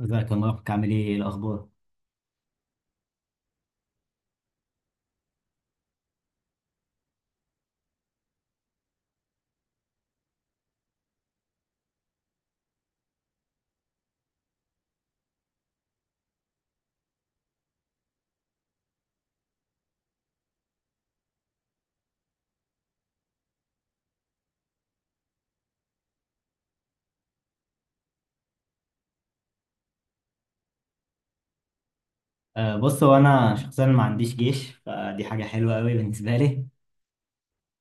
ازيك يا مارك، عامل ايه؟ ايه الاخبار؟ أه بص، هو انا شخصيا ما عنديش جيش، فدي حاجه حلوه قوي بالنسبه لي.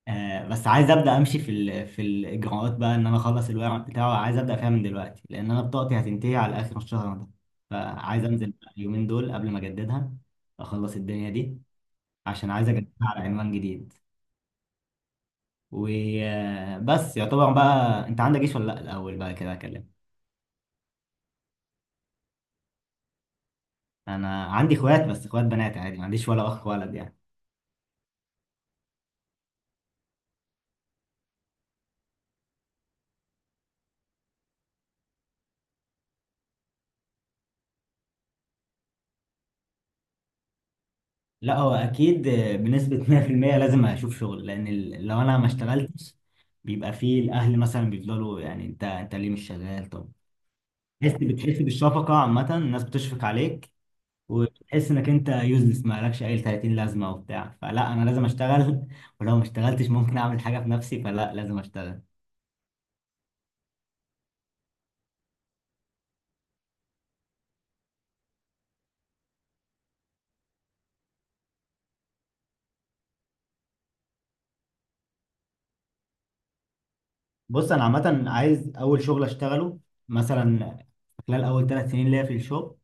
أه بس عايز ابدا امشي في الاجراءات بقى، ان انا اخلص الورق بتاعه. عايز ابدا فيها من دلوقتي لان انا بطاقتي هتنتهي على اخر الشهر ده. فعايز انزل بقى اليومين دول قبل ما اجددها، اخلص الدنيا دي، عشان عايز اجددها على عنوان جديد. وبس، يعتبر بقى. انت عندك جيش ولا لا الاول بقى كده اكلم؟ انا عندي اخوات بس اخوات بنات، عادي، ما عنديش ولا اخ ولد يعني. لا هو اكيد، بنسبه 100% لازم اشوف شغل، لان لو انا ما اشتغلتش بيبقى فيه الاهل مثلا بيفضلوا يعني انت ليه مش شغال؟ طب تحس، بتحس بالشفقه، عامه الناس بتشفق عليك. وتحس انك انت يوزلس، ما لكش اي 30 لازمه وبتاع، فلا انا لازم اشتغل ولو ما اشتغلتش ممكن اعمل حاجه في نفسي، فلا لازم اشتغل. بص انا عامه عايز اول شغل اشتغله، مثلا خلال اول ثلاث سنين ليا في الشغل،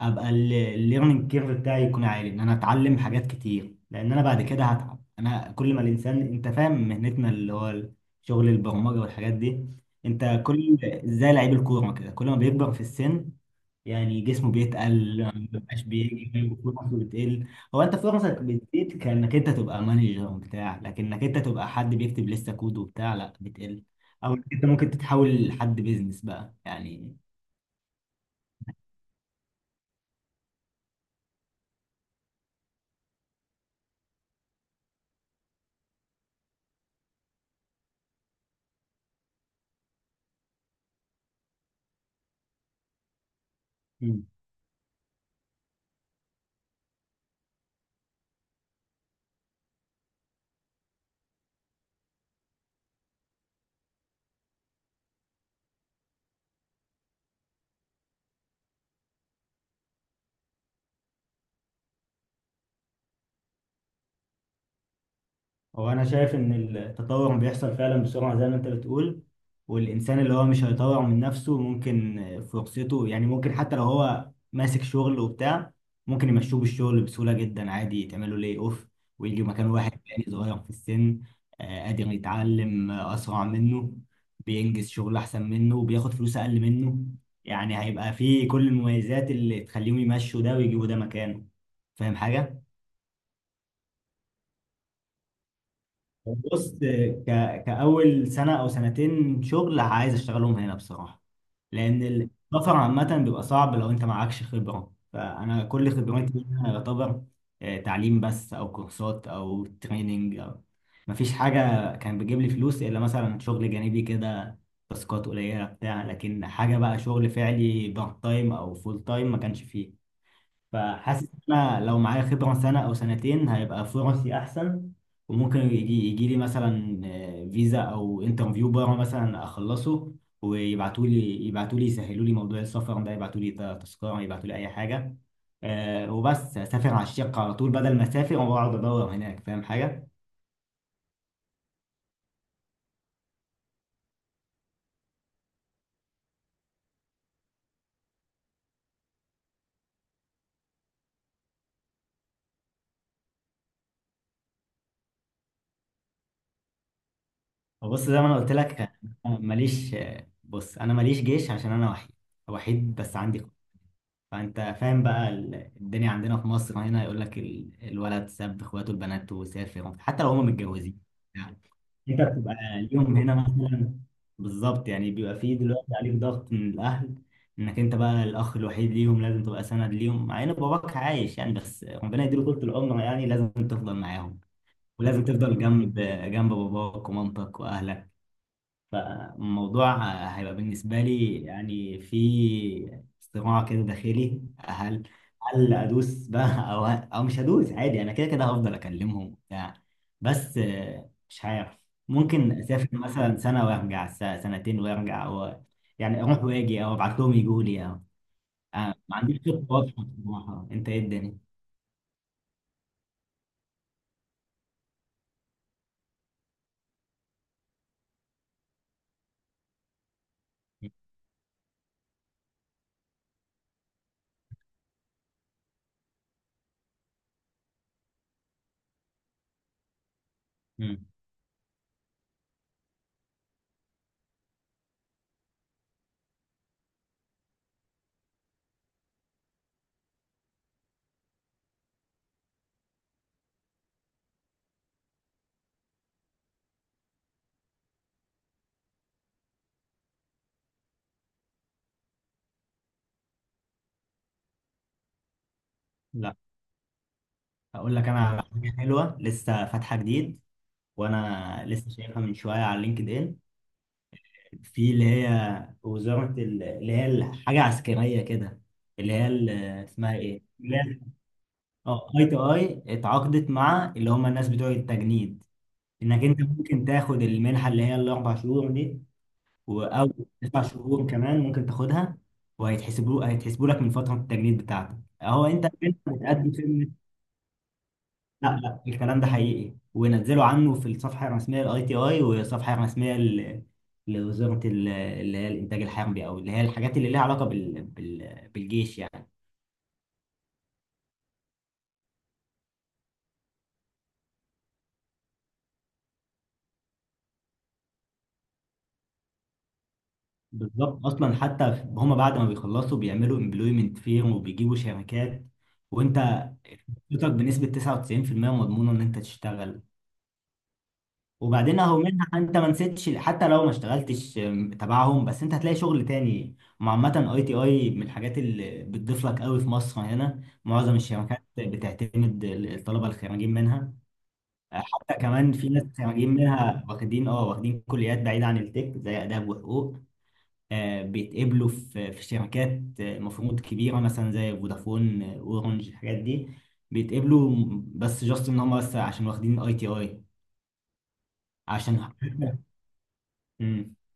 ابقى الليرنينج كيرف بتاعي يكون عالي، ان انا اتعلم حاجات كتير، لان انا بعد كده هتعب. انا كل ما الانسان، انت فاهم مهنتنا اللي هو شغل البرمجه والحاجات دي، انت كل، زي لعيب الكوره كده، كل ما بيكبر في السن يعني جسمه بيتقل، ما بيبقاش بيجري وفرصه بتقل. هو انت فرصك بتزيد كانك انت تبقى مانجر بتاع لكنك انت تبقى حد بيكتب لسه كود وبتاع، لا بتقل. او انت ممكن تتحول لحد بيزنس بقى يعني. هو انا شايف ان التطور بيحصل فعلا بسرعه زي ما انت بتقول، والانسان اللي هو مش هيطور من نفسه ممكن فرصته، يعني ممكن حتى لو هو ماسك شغل وبتاع ممكن يمشوه بالشغل بسهوله جدا، عادي، تعملوا لي اوف، ويجي مكان واحد تاني صغير في السن، قادر يتعلم اسرع منه، بينجز شغل احسن منه وبياخد فلوس اقل منه. يعني هيبقى فيه كل المميزات اللي تخليهم يمشوا ده ويجيبوا ده مكانه. فاهم حاجه؟ بص، ك... كأول سنة أو سنتين شغل عايز أشتغلهم هنا بصراحة، لأن السفر عامة بيبقى صعب لو أنت معكش خبرة، فأنا كل خبرتي هنا يعتبر تعليم بس أو كورسات أو تريننج، أو مفيش حاجة كان بيجيب لي فلوس إلا مثلا شغل جانبي كده، تاسكات قليلة بتاع لكن حاجة بقى شغل فعلي بارت تايم أو فول تايم ما كانش فيه. فحاسس ان انا لو معايا خبره سنه او سنتين هيبقى فرصي احسن، وممكن يجي لي مثلا فيزا او انترفيو بره مثلا اخلصه، ويبعتوا لي يسهلوا لي موضوع السفر ده، يبعتوا لي تذكره، يبعتوا لي اي حاجه، وبس اسافر على الشقه على طول بدل ما اسافر واقعد ادور هناك. فاهم حاجه؟ وبص زي ما انا قلت لك، أنا ماليش بص انا ماليش جيش، عشان انا وحيد، وحيد بس عندي. فانت فاهم بقى الدنيا عندنا في مصر هنا، يقول لك الولد ساب اخواته البنات وسافر حتى لو هم متجوزين. يعني انت بتبقى ليهم هنا مثلا، بالظبط. يعني بيبقى فيه دلوقتي عليك ضغط من الاهل، انك انت بقى الاخ الوحيد ليهم، لازم تبقى سند ليهم. مع ان باباك عايش يعني، بس ربنا يديله طول العمر يعني، لازم تفضل معاهم، ولازم تفضل جنب باباك ومامتك واهلك. فالموضوع هيبقى بالنسبة لي يعني في صراع كده داخلي، هل أدوس بقى أو مش هدوس؟ عادي، أنا كده كده هفضل أكلمهم وبتاع، بس مش عارف. ممكن أسافر مثلا سنة وأرجع، سنتين وأرجع، أو يعني أروح وأجي، أو أبعت لهم يجوا لي، أو ما عنديش خطة واضحة بصراحة. أنت إيه الدنيا؟ مم. لا أقول لك أنا على حاجة حلوة لسه فاتحة جديد، وأنا لسه شايفها من شوية على لينكد إن، في اللي هي وزارة اللي هي الحاجة عسكرية كده، اللي هي اسمها ايه؟ اللي هي اه اي تو اي، اتعاقدت مع اللي هم الناس بتوع التجنيد، انك انت ممكن تاخد المنحة اللي هي الاربع شهور دي، او تسع شهور كمان ممكن تاخدها، وهيتحسبوا لك من فترة التجنيد بتاعتك. اهو انت، أنت بتقدم لا لا، الكلام ده حقيقي، ونزلوا عنه في الصفحه الرسميه للاي تي اي والصفحه الرسميه لوزاره اللي هي الانتاج الحربي، او اللي هي الحاجات اللي ليها علاقه بالجيش يعني. بالظبط، اصلا حتى هم بعد ما بيخلصوا بيعملوا امبلويمنت فيرم وبيجيبوا شركات، وانت فرصتك بنسبه 99% مضمونه ان انت تشتغل. وبعدين اهو منها انت ما نسيتش، حتى لو ما اشتغلتش تبعهم، بس انت هتلاقي شغل تاني. وعامة اي تي اي من الحاجات اللي بتضيف لك قوي، في مصر هنا معظم الشركات بتعتمد الطلبة الخريجين منها. آه، حتى كمان في ناس خريجين منها واخدين اه واخدين كليات بعيدة عن التك زي آداب وحقوق، بيتقبلوا في شركات المفروض كبيرة مثلا زي فودافون، اورنج، الحاجات دي بيتقبلوا، بس جاست ان هم بس عشان واخدين اي تي اي. عشان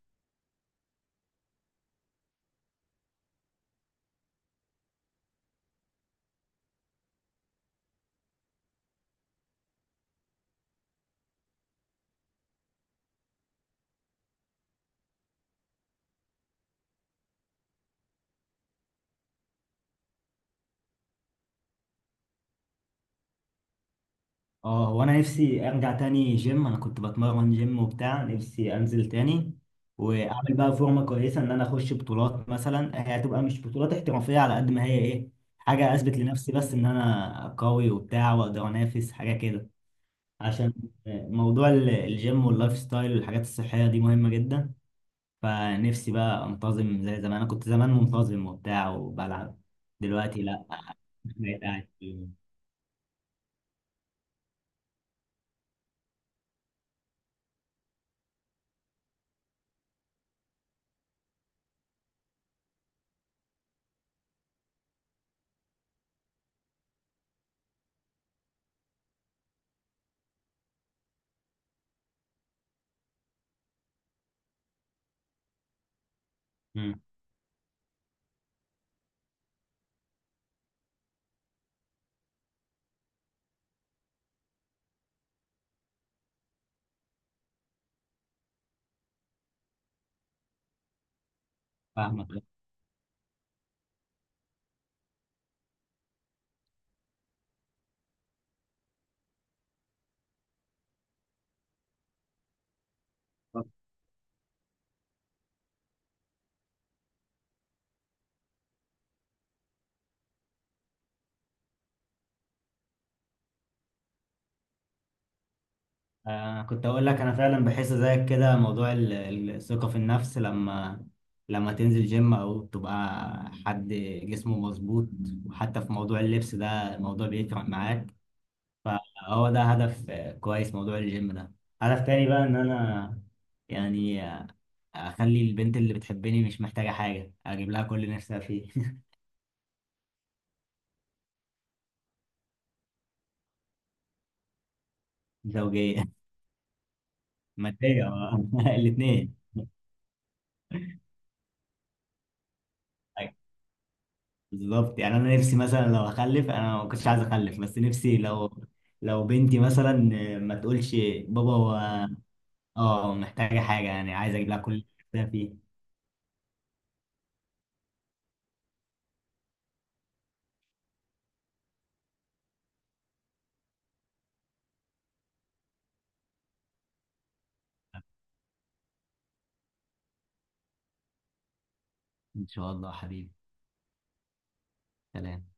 اه، هو انا نفسي ارجع تاني جيم. انا كنت بتمرن جيم وبتاع، نفسي انزل تاني واعمل بقى فورمه كويسه، ان انا اخش بطولات مثلا. هي هتبقى مش بطولات احترافيه، على قد ما هي ايه، حاجه اثبت لنفسي بس ان انا قوي وبتاع، واقدر انافس حاجه كده. عشان موضوع الجيم واللايف ستايل والحاجات الصحيه دي مهمه جدا. فنفسي بقى انتظم زي زمان، انا كنت زمان منتظم وبتاع وبلعب، دلوقتي لا بقيت قاعد في- مم، فاهمك. كنت اقول لك انا فعلا بحس زيك كده. موضوع الثقة في النفس، لما لما تنزل جيم او تبقى حد جسمه مظبوط، وحتى في موضوع اللبس ده الموضوع بيفرق معاك. فهو ده هدف كويس، موضوع الجيم ده. هدف تاني بقى ان انا يعني اخلي البنت اللي بتحبني مش محتاجة حاجة، اجيب لها كل اللي نفسها فيه زوجية، مادية الاتنين. بالظبط. يعني انا نفسي مثلا لو اخلف، انا ما كنتش عايز اخلف بس نفسي لو، لو بنتي مثلا ما تقولش بابا هو اه محتاجه حاجه، يعني عايز اجيب لها كل اللي نفسها فيه. ان شاء الله حبيبي. سلام.